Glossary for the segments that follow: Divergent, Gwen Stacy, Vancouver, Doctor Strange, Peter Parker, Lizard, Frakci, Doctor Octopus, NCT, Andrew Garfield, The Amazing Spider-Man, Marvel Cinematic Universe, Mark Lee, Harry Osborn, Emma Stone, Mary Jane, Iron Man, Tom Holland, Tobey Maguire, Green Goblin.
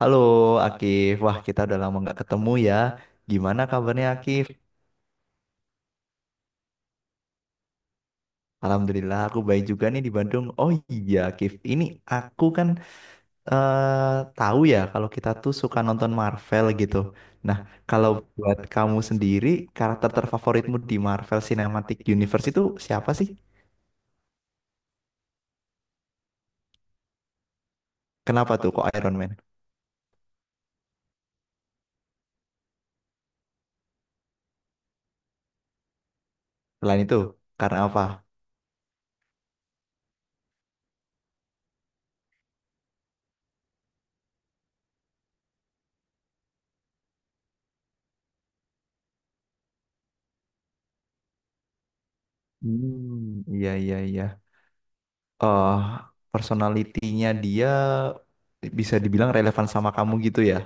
Halo Akif, wah kita udah lama nggak ketemu ya. Gimana kabarnya Akif? Alhamdulillah aku baik juga nih di Bandung. Oh iya Akif, ini aku kan tahu ya kalau kita tuh suka nonton Marvel gitu. Nah, kalau buat kamu sendiri karakter terfavoritmu di Marvel Cinematic Universe itu siapa sih? Kenapa tuh kok Iron Man? Selain itu karena apa? Hmm, iya iya iya. Eh Personalitinya dia bisa dibilang relevan sama kamu gitu ya.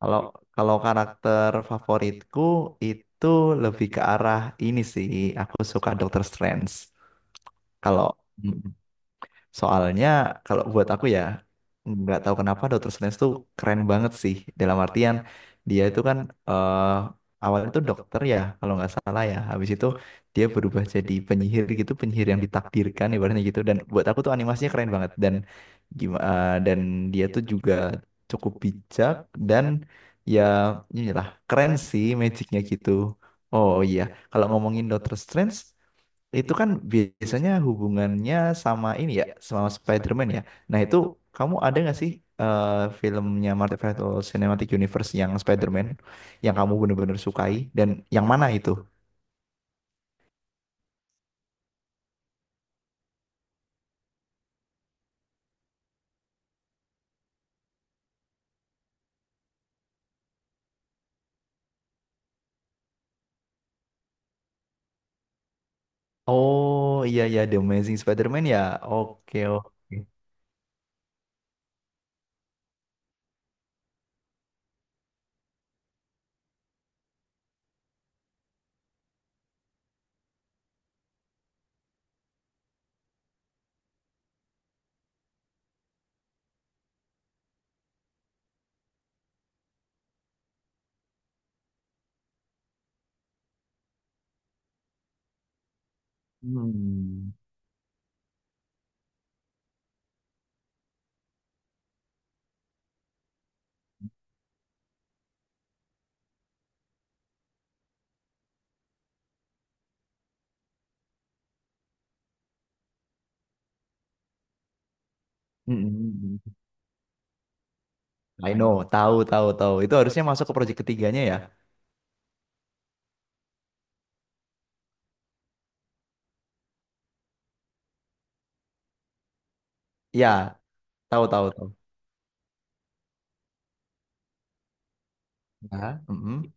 Kalau kalau karakter favoritku itu lebih ke arah ini sih. Aku suka Doctor Strange. Kalau Soalnya kalau buat aku ya nggak tahu kenapa Dr. Strange tuh keren banget sih, dalam artian dia itu kan eh, awalnya tuh dokter ya kalau nggak salah ya, habis itu dia berubah jadi penyihir gitu, penyihir yang ditakdirkan ibaratnya gitu. Dan buat aku tuh animasinya keren banget, dan gimana, dan dia tuh juga cukup bijak, dan ya, inilah, keren sih magicnya gitu. Oh iya, kalau ngomongin Doctor Strange itu kan biasanya hubungannya sama ini ya, sama Spider-Man ya. Nah itu, kamu ada nggak sih eh, filmnya Marvel Cinematic Universe yang Spider-Man yang kamu bener-bener sukai, dan yang mana itu? Oh iya iya, The Amazing Spider-Man ya. Oke oke. Hmm. Mm-mm. I know, tahu tahu tahu. Itu harusnya masuk ke proyek ketiganya ya. Ya, tahu tahu tahu. Ya. Mm-mm.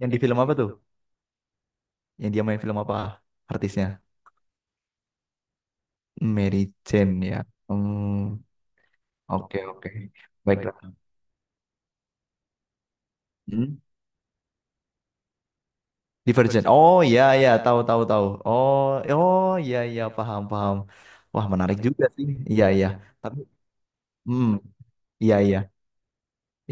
Yang di film apa tuh? Yang dia main film apa artisnya? Mary Jane ya. Hmm, oke oke. Baiklah. Divergent. Oh iya iya, tahu tahu tahu. Oh oh, iya iya, paham paham. Wah, menarik juga sih. Iya iya. Tapi hmm iya iya.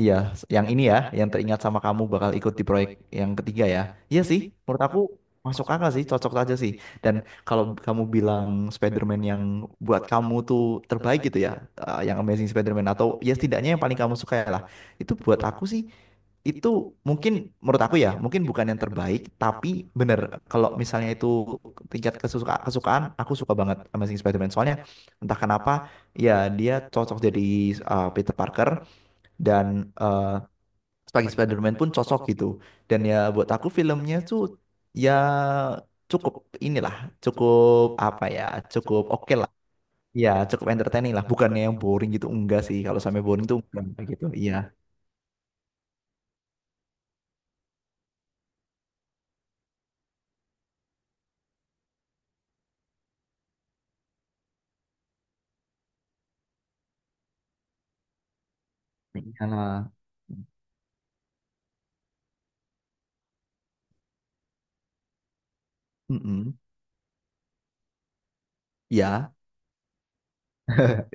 Iya, yang ini ya, yang teringat sama kamu bakal ikut di proyek yang ketiga ya. Iya sih, menurut aku masuk akal sih, cocok aja sih. Dan kalau kamu bilang Spider-Man yang buat kamu tuh terbaik gitu ya, yang Amazing Spider-Man, atau ya, setidaknya yang paling kamu suka ya lah. Itu buat aku sih, itu mungkin, menurut aku ya, mungkin bukan yang terbaik, tapi bener kalau misalnya itu tingkat kesukaan, aku suka banget Amazing Spider-Man. Soalnya entah kenapa ya dia cocok jadi Peter Parker, dan eh sebagai Spider-Man pun cocok gitu. Dan ya buat aku filmnya tuh ya cukup inilah, cukup apa ya, cukup oke lah. Iya cukup entertaining lah, bukannya yang boring gitu. Enggak sih, kalau sampai boring tuh enggak gitu. Iya iya. mm Ya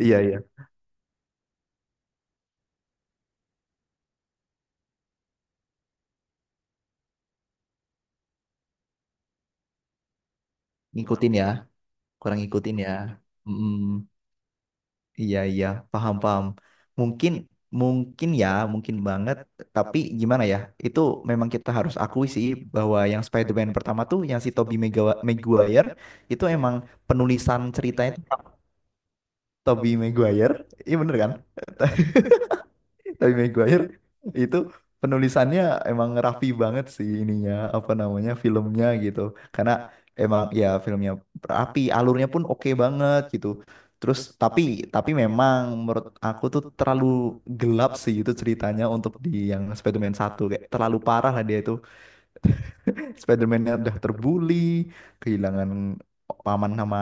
iya iya, ngikutin ya, kurang ngikutin ya. Mm. Iya, iya, paham, paham. Mungkin, mungkin ya, mungkin banget. Tapi gimana ya, itu memang kita harus akui sih, bahwa yang Spider-Man pertama tuh, yang si Tobey Maguire, itu emang penulisan ceritanya tuh Tobey Maguire. Iya bener kan? Tapi Maguire itu penulisannya emang rapi banget sih, ininya apa namanya, filmnya gitu. Karena emang ya filmnya rapi, alurnya pun oke banget gitu. Terus tapi memang menurut aku tuh terlalu gelap sih itu ceritanya, untuk di yang Spider-Man 1 kayak terlalu parah lah dia itu. Spider-Man-nya udah terbully, kehilangan paman sama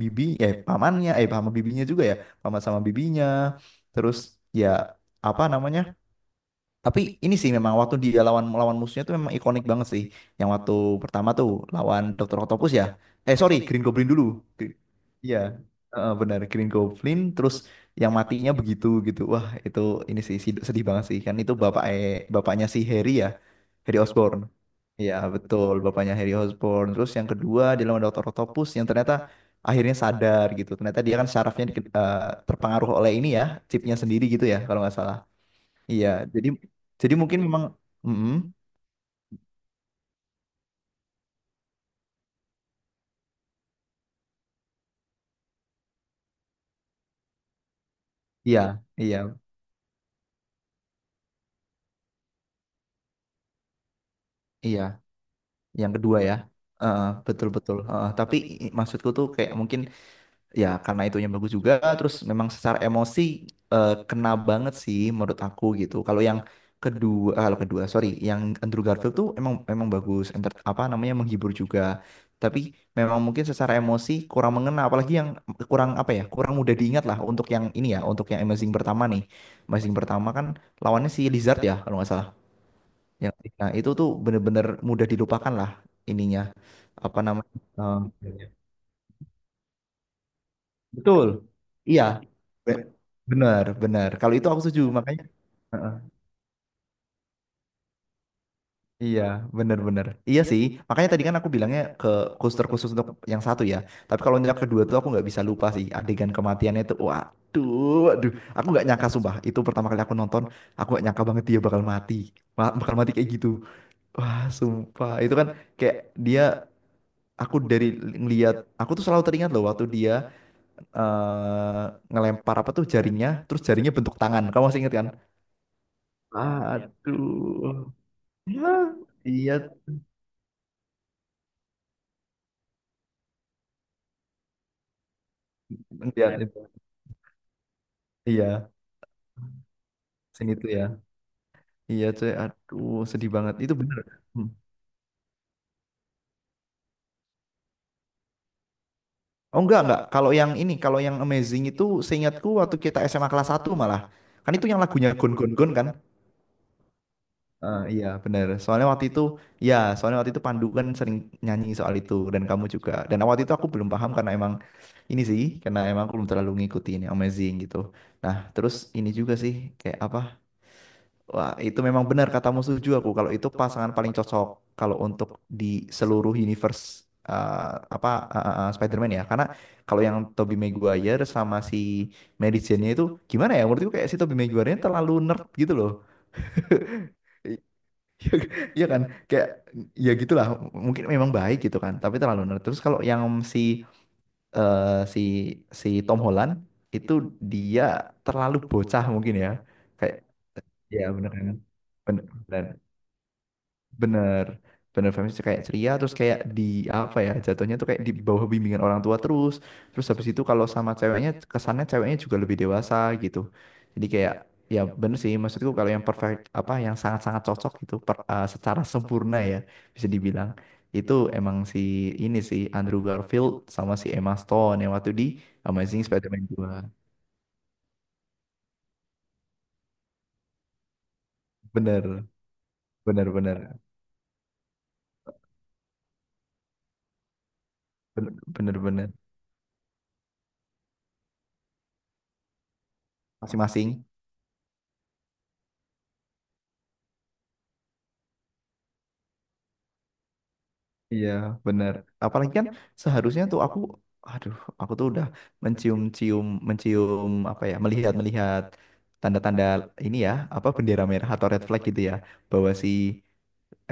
bibi, pamannya sama bibinya juga ya, paman sama bibinya. Terus ya, apa namanya, tapi ini sih memang waktu dia melawan musuhnya tuh memang ikonik banget sih. Yang waktu pertama tuh lawan Dokter Octopus ya. Eh sorry, Green Goblin dulu. Gr- Iya, heeh, benar Green Goblin. Terus yang matinya begitu gitu. Wah, itu ini sih sedih banget sih. Kan itu bapaknya si Harry ya, Harry Osborn. Iya betul, bapaknya Harry Osborn. Terus yang kedua dia lawan Dokter Octopus yang ternyata akhirnya sadar gitu. Ternyata dia kan syarafnya terpengaruh oleh ini ya, chipnya sendiri gitu ya kalau nggak salah. Iya, jadi jadi mungkin memang, mm-mm, iya, iya, iya, yang kedua ya. Heeh, betul betul. Heeh, tapi maksudku tuh kayak mungkin ya, karena itunya bagus juga, terus memang secara emosi kena banget sih menurut aku gitu kalau yang kedua. Kalau kedua sorry, yang Andrew Garfield tuh emang emang bagus, apa namanya, menghibur juga. Tapi memang mungkin secara emosi kurang mengena, apalagi yang kurang apa ya, kurang mudah diingat lah untuk yang ini ya, untuk yang Amazing pertama nih. Amazing pertama kan lawannya si Lizard ya kalau nggak salah, yang nah itu tuh bener-bener mudah dilupakan lah ininya, apa namanya, eh, betul. Iya, be- benar, benar. Kalau itu aku setuju, makanya. Heeh. Iya, benar-benar. Iya sih, makanya tadi kan aku bilangnya ke khusus, terkhusus untuk yang satu ya. Tapi kalau yang kedua tuh aku nggak bisa lupa sih adegan kematiannya itu. Waduh, waduh. Aku nggak nyangka sumpah. Itu pertama kali aku nonton, aku nggak nyangka banget dia bakal mati, bakal mati kayak gitu. Wah, sumpah. Itu kan kayak dia. Aku dari ngeliat, aku tuh selalu teringat loh waktu dia eh, ngelempar apa tuh jaringnya, terus jaringnya bentuk tangan. Kamu masih ingat kan? Aduh. Ya, iya, lihat lihat itu. Iya, sini tuh ya. Iya, cuy. Aduh, sedih banget. Itu bener. Hmm. Oh enggak, enggak. Kalau yang ini, kalau yang amazing itu, seingatku waktu kita SMA kelas satu malah. Kan itu yang lagunya Gon Gon Gon kan? Eh, iya, bener. Soalnya waktu itu, ya, soalnya waktu itu Pandu kan sering nyanyi soal itu dan kamu juga. Dan waktu itu aku belum paham karena emang ini sih, karena emang aku belum terlalu ngikutin yang amazing gitu. Nah, terus ini juga sih kayak apa? Wah, itu memang benar katamu, setuju aku. Kalau itu pasangan paling cocok kalau untuk di seluruh universe, uh, apa, Spider-Man ya. Karena kalau yang Tobey Maguire sama si Mary Jane-nya itu gimana ya? Menurutku kayak si Tobey Maguire-nya terlalu nerd gitu loh. I- Iya kan? Kayak ya gitulah. Mungkin memang baik gitu kan, tapi terlalu nerd. Terus kalau yang si eh, si si Tom Holland itu dia terlalu bocah mungkin ya. Kayak, ya benar kan? Benar. Bener bener feminis, kayak ceria terus, kayak di apa ya, jatuhnya tuh kayak di bawah bimbingan orang tua, terus terus habis itu kalau sama ceweknya, kesannya ceweknya juga lebih dewasa gitu, jadi kayak, ya bener sih, maksudku kalau yang perfect apa, yang sangat-sangat cocok gitu, secara sempurna ya, bisa dibilang itu emang si ini sih, Andrew Garfield sama si Emma Stone yang waktu di Amazing Spider-Man 2. Bener bener bener bener bener bener. Masing-masing. Iya, benar. Apalagi kan seharusnya tuh aku, aduh, aku tuh udah mencium-cium, mencium apa ya, melihat-melihat tanda-tanda ini ya, apa bendera merah atau red flag gitu ya, bahwa si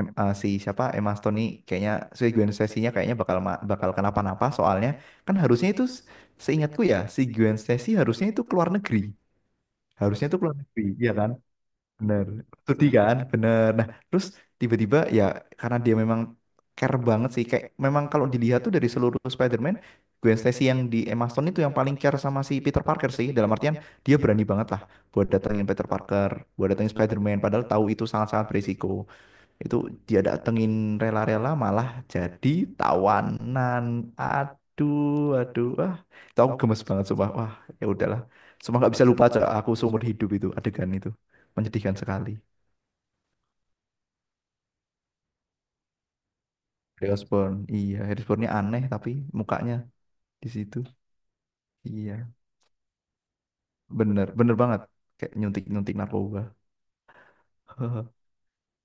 si siapa, Emma Stone nih kayaknya, si Gwen Stacy-nya kayaknya bakal bakal kenapa-napa soalnya. Kan harusnya itu seingatku ya si Gwen Stacy harusnya itu keluar negeri, harusnya itu keluar negeri, iya kan? Bener. Studi kan, bener. Nah, terus tiba-tiba ya karena dia memang care banget sih. Kayak memang kalau dilihat tuh dari seluruh Spider-Man, Gwen Stacy yang di Emma Stone itu yang paling care sama si Peter Parker sih. Dalam artian dia berani banget lah buat datengin Peter Parker, buat datengin Spider-Man. Padahal tahu itu sangat-sangat berisiko, itu dia datengin, rela-rela malah jadi tawanan. Aduh, aduh, ah, itu aku gemes banget sumpah. Wah, ya udahlah, sumpah nggak bisa lupa, Cak. Aku seumur hidup itu adegan itu menyedihkan sekali. Harrison, iya Harrison, aneh tapi mukanya di situ, iya, bener bener banget, kayak nyuntik nyuntik narkoba.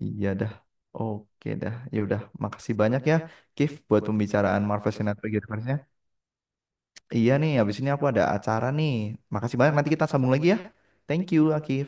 Iya dah, oke dah, ya udah, makasih banyak ya Kif, buat pembicaraan Marvel Cinematic Universe. Iya nih, habis ini aku ada acara nih. Makasih banyak, nanti kita sambung lagi ya. Thank you, Akif.